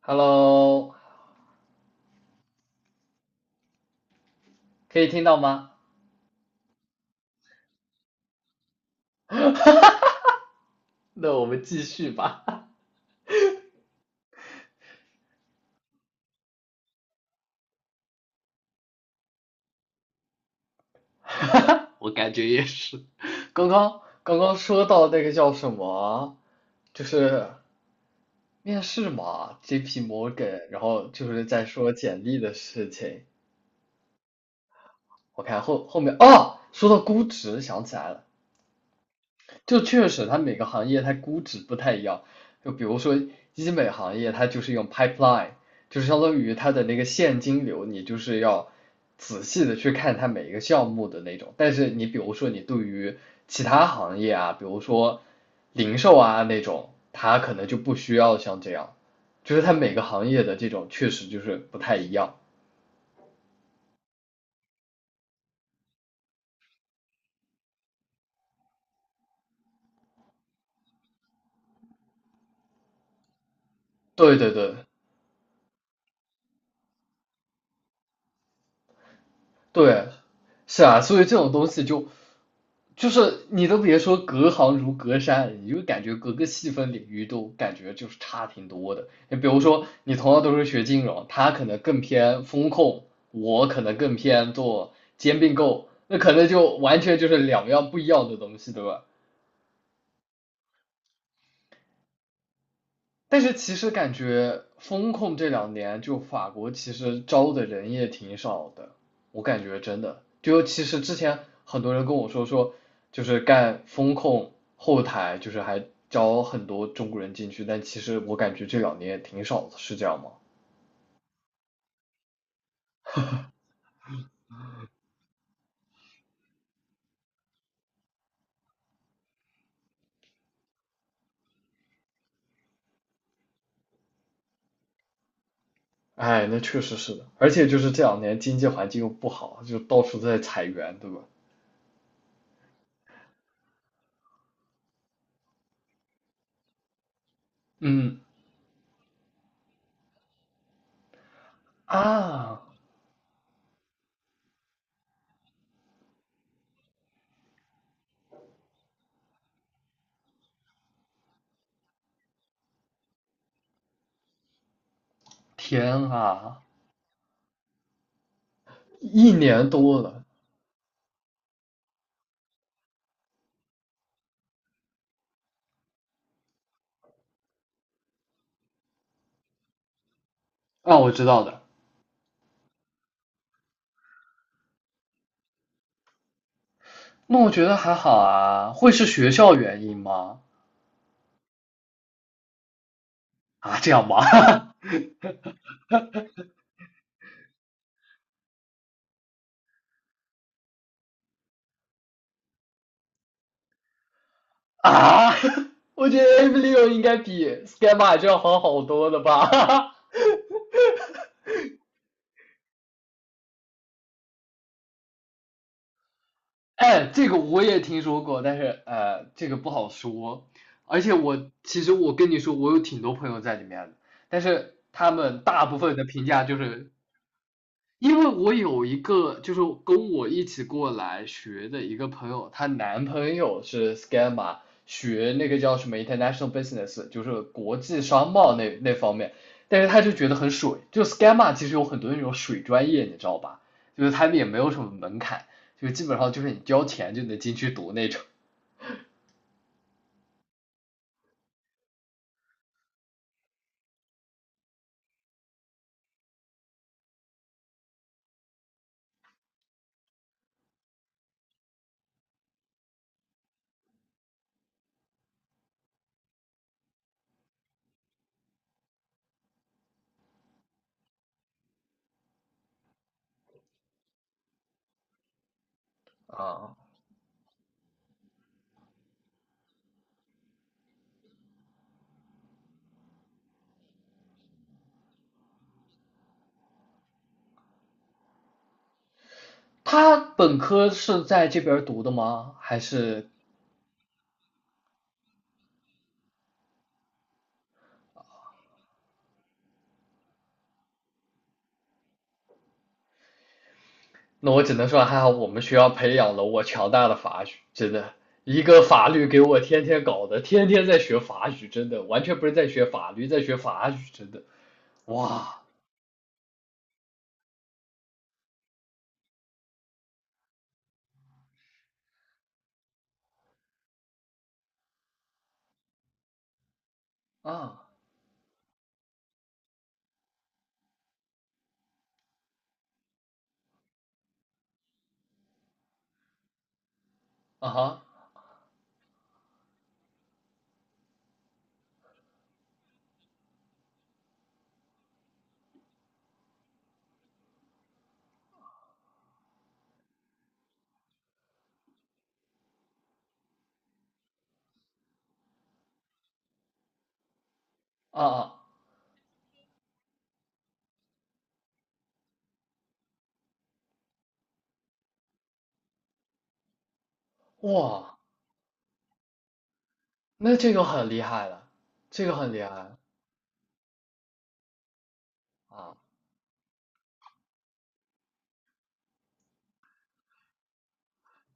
Hello，可以听到吗？那我们继续吧。我感觉也是。刚刚说到那个叫什么，就是面试嘛，JP Morgan，然后就是在说简历的事情。我看后面啊，说到估值想起来了，就确实它每个行业它估值不太一样，就比如说医美行业，它就是用 pipeline，就是相当于它的那个现金流，你就是要仔细的去看它每一个项目的那种。但是你比如说你对于其他行业啊，比如说零售啊那种，它可能就不需要像这样，就是它每个行业的这种确实就是不太一样。对对对，是啊，所以这种东西就是你都别说隔行如隔山，你就感觉各个细分领域都感觉就是差挺多的。你比如说，你同样都是学金融，他可能更偏风控，我可能更偏做兼并购，那可能就完全就是两样不一样的东西，对吧？但是其实感觉风控这两年，就法国其实招的人也挺少的，我感觉真的，就其实之前很多人跟我说，就是干风控后台，就是还招很多中国人进去，但其实我感觉这两年也挺少的，是这样吗？哎，那确实是的，而且就是这两年经济环境又不好，就到处都在裁员，对吧？嗯啊，天啊，一年多了。啊，我知道的。那我觉得还好啊，会是学校原因吗？啊，这样吗？啊，我觉得 Aplio 应该比 s k y e m a 这要好多了吧？哎，这个我也听说过，但是这个不好说。而且我其实跟你说，我有挺多朋友在里面的，但是他们大部分的评价就是因为我有一个就是跟我一起过来学的一个朋友，她男朋友是 s c a m m e 学那个叫什么 International Business，就是国际商贸那方面，但是他就觉得很水，就 s c a m m e 其实有很多那种水专业，你知道吧？就是他们也没有什么门槛，就基本上就是你交钱就能进去读那种。啊，他本科是在这边读的吗？还是那我只能说还好我们学校培养了我强大的法语，真的，一个法律给我天天搞的，天天在学法语，真的，完全不是在学法律，在学法语，真的，哇，啊啊哈啊啊哇，那这个很厉害了，这个很厉害了。啊，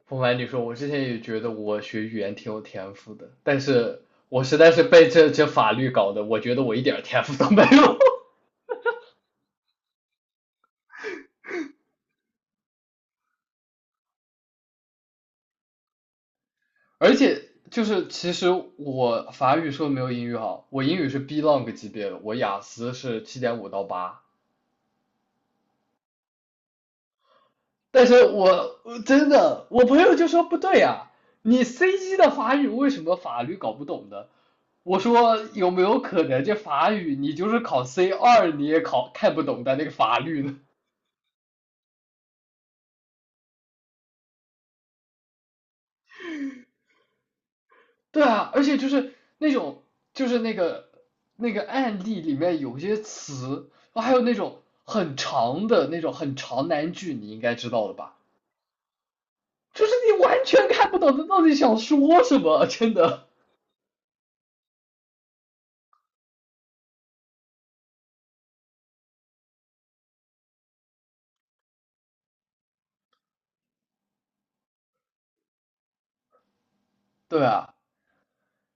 不瞒你说，我之前也觉得我学语言挺有天赋的，但是我实在是被这法律搞的，我觉得我一点儿天赋都没有。而且就是其实我法语说的没有英语好，我英语是 B long 级别的，我雅思是7.5到8，但是我真的朋友就说不对呀、啊你 C 一的法语为什么法律搞不懂呢？我说有没有可能这法语你就是考 C 二你也考看不懂的那个法律呢？对啊，而且就是那种，就是那个案例里面有些词，还有那种很长的那种很长难句，你应该知道的吧？就是你完全看不懂他到底想说什么，真的。对啊，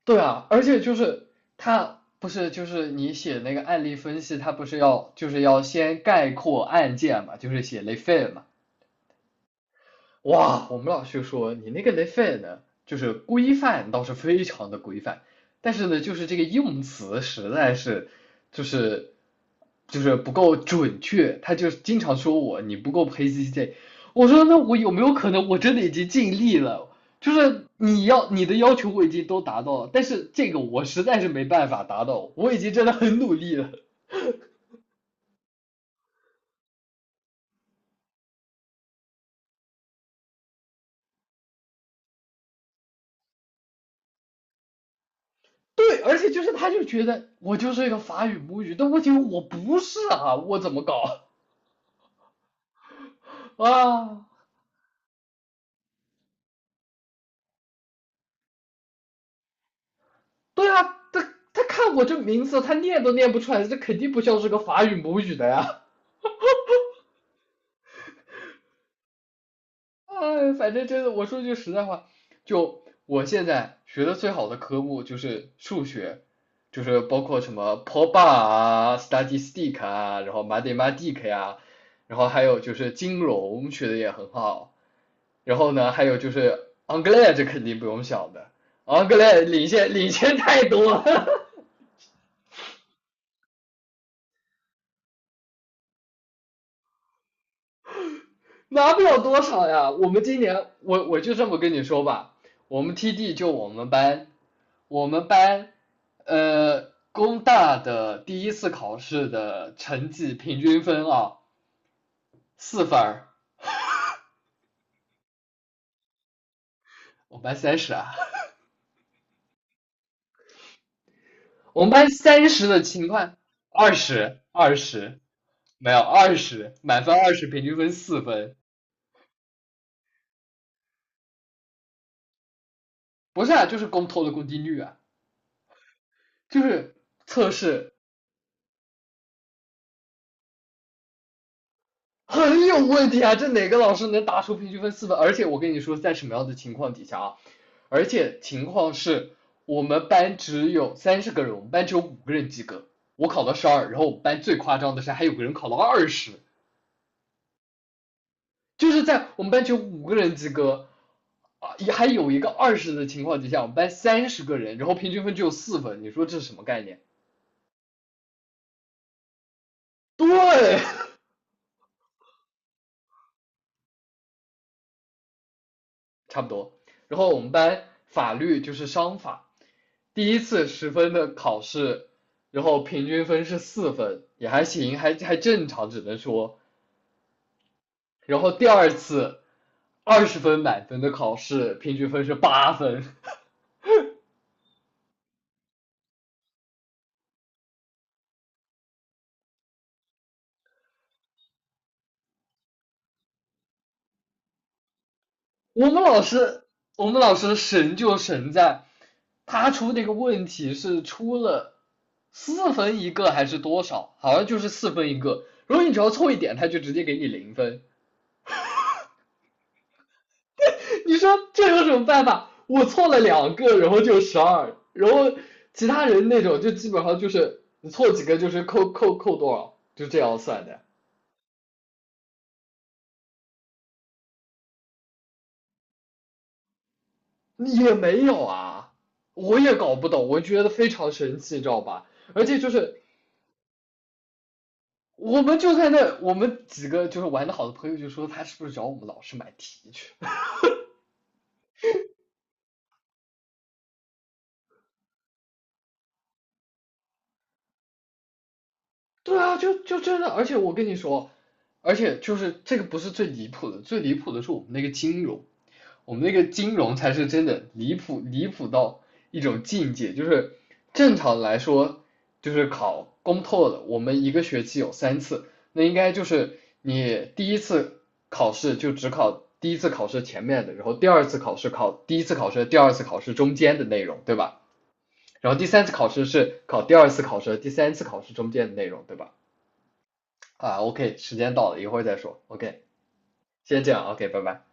对啊，而且就是他不是就是你写那个案例分析，他不是要就是要先概括案件嘛，就是写 les faits 嘛，哇，我们老师说你那个雷费呢，就是规范倒是非常的规范，但是呢，就是这个用词实在是，就是就是不够准确，他就经常说我你不够 PCC，我说那我有没有可能我真的已经尽力了？就是你要你的要求我已经都达到了，但是这个我实在是没办法达到，我已经真的很努力了。对，而且就是他就觉得我就是一个法语母语，但问题我不是啊，我怎么搞？啊，对啊，他看我这名字，他念都念不出来，这肯定不像是个法语母语的呀。哎，反正真的，我说句实在话，就我现在学的最好的科目就是数学，就是包括什么 p o b a 啊、statistic 啊，然后 mathematic 呀、啊然后还有就是金融学的也很好，然后呢，还有就是 anglais 这肯定不用想的，anglais 领先太多了。拿不了多少呀。我们今年，我就这么跟你说吧，我们 TD 就我们班，我们班，工大的第一次考试的成绩平均分啊，4分儿，我们班三十啊，我们班三十的情况，二十，二十，没有二十，满分20，平均分四分，不是啊，就是公投的公定率啊，就是测试。 很有问题啊！这哪个老师能打出平均分四分？而且我跟你说，在什么样的情况底下啊？而且情况是我们班只有三十个人，我们班只有五个人及格，我考了十二，然后我们班最夸张的是还有个人考了二十，就是在我们班只有五个人及格，啊，也还有一个二十的情况底下，我们班三十个人，然后平均分只有四分，你说这是什么概念？对。差不多。然后我们班法律就是商法，第一次十分的考试，然后平均分是四分，也还行，还正常，只能说。然后第二次20分满分的考试，平均分是8分。我们老师，我们老师神就神在，他出那个问题是出了四分一个还是多少？好像就是四分一个。如果你只要错一点，他就直接给你零分。你说这有什么办法？我错了2个，然后就十二，然后其他人那种就基本上就是你错几个就是扣多少，就这样算的。也没有啊，我也搞不懂，我觉得非常神奇，知道吧？而且就是我们就在那，我们几个就是玩的好的朋友就说他是不是找我们老师买题去？对啊，就真的，而且我跟你说，而且就是这个不是最离谱的，最离谱的是我们那个金融，我们那个金融才是真的离谱，离谱到一种境界，就是正常来说，就是考公透的，我们一个学期有三次，那应该就是你第一次考试就只考第一次考试前面的，然后第二次考试考第一次考试、第二次考试中间的内容，对吧？然后第三次考试是考第二次考试、第三次考试中间的内容，对吧？啊，OK，时间到了，一会儿再说。OK，先这样，OK，拜拜。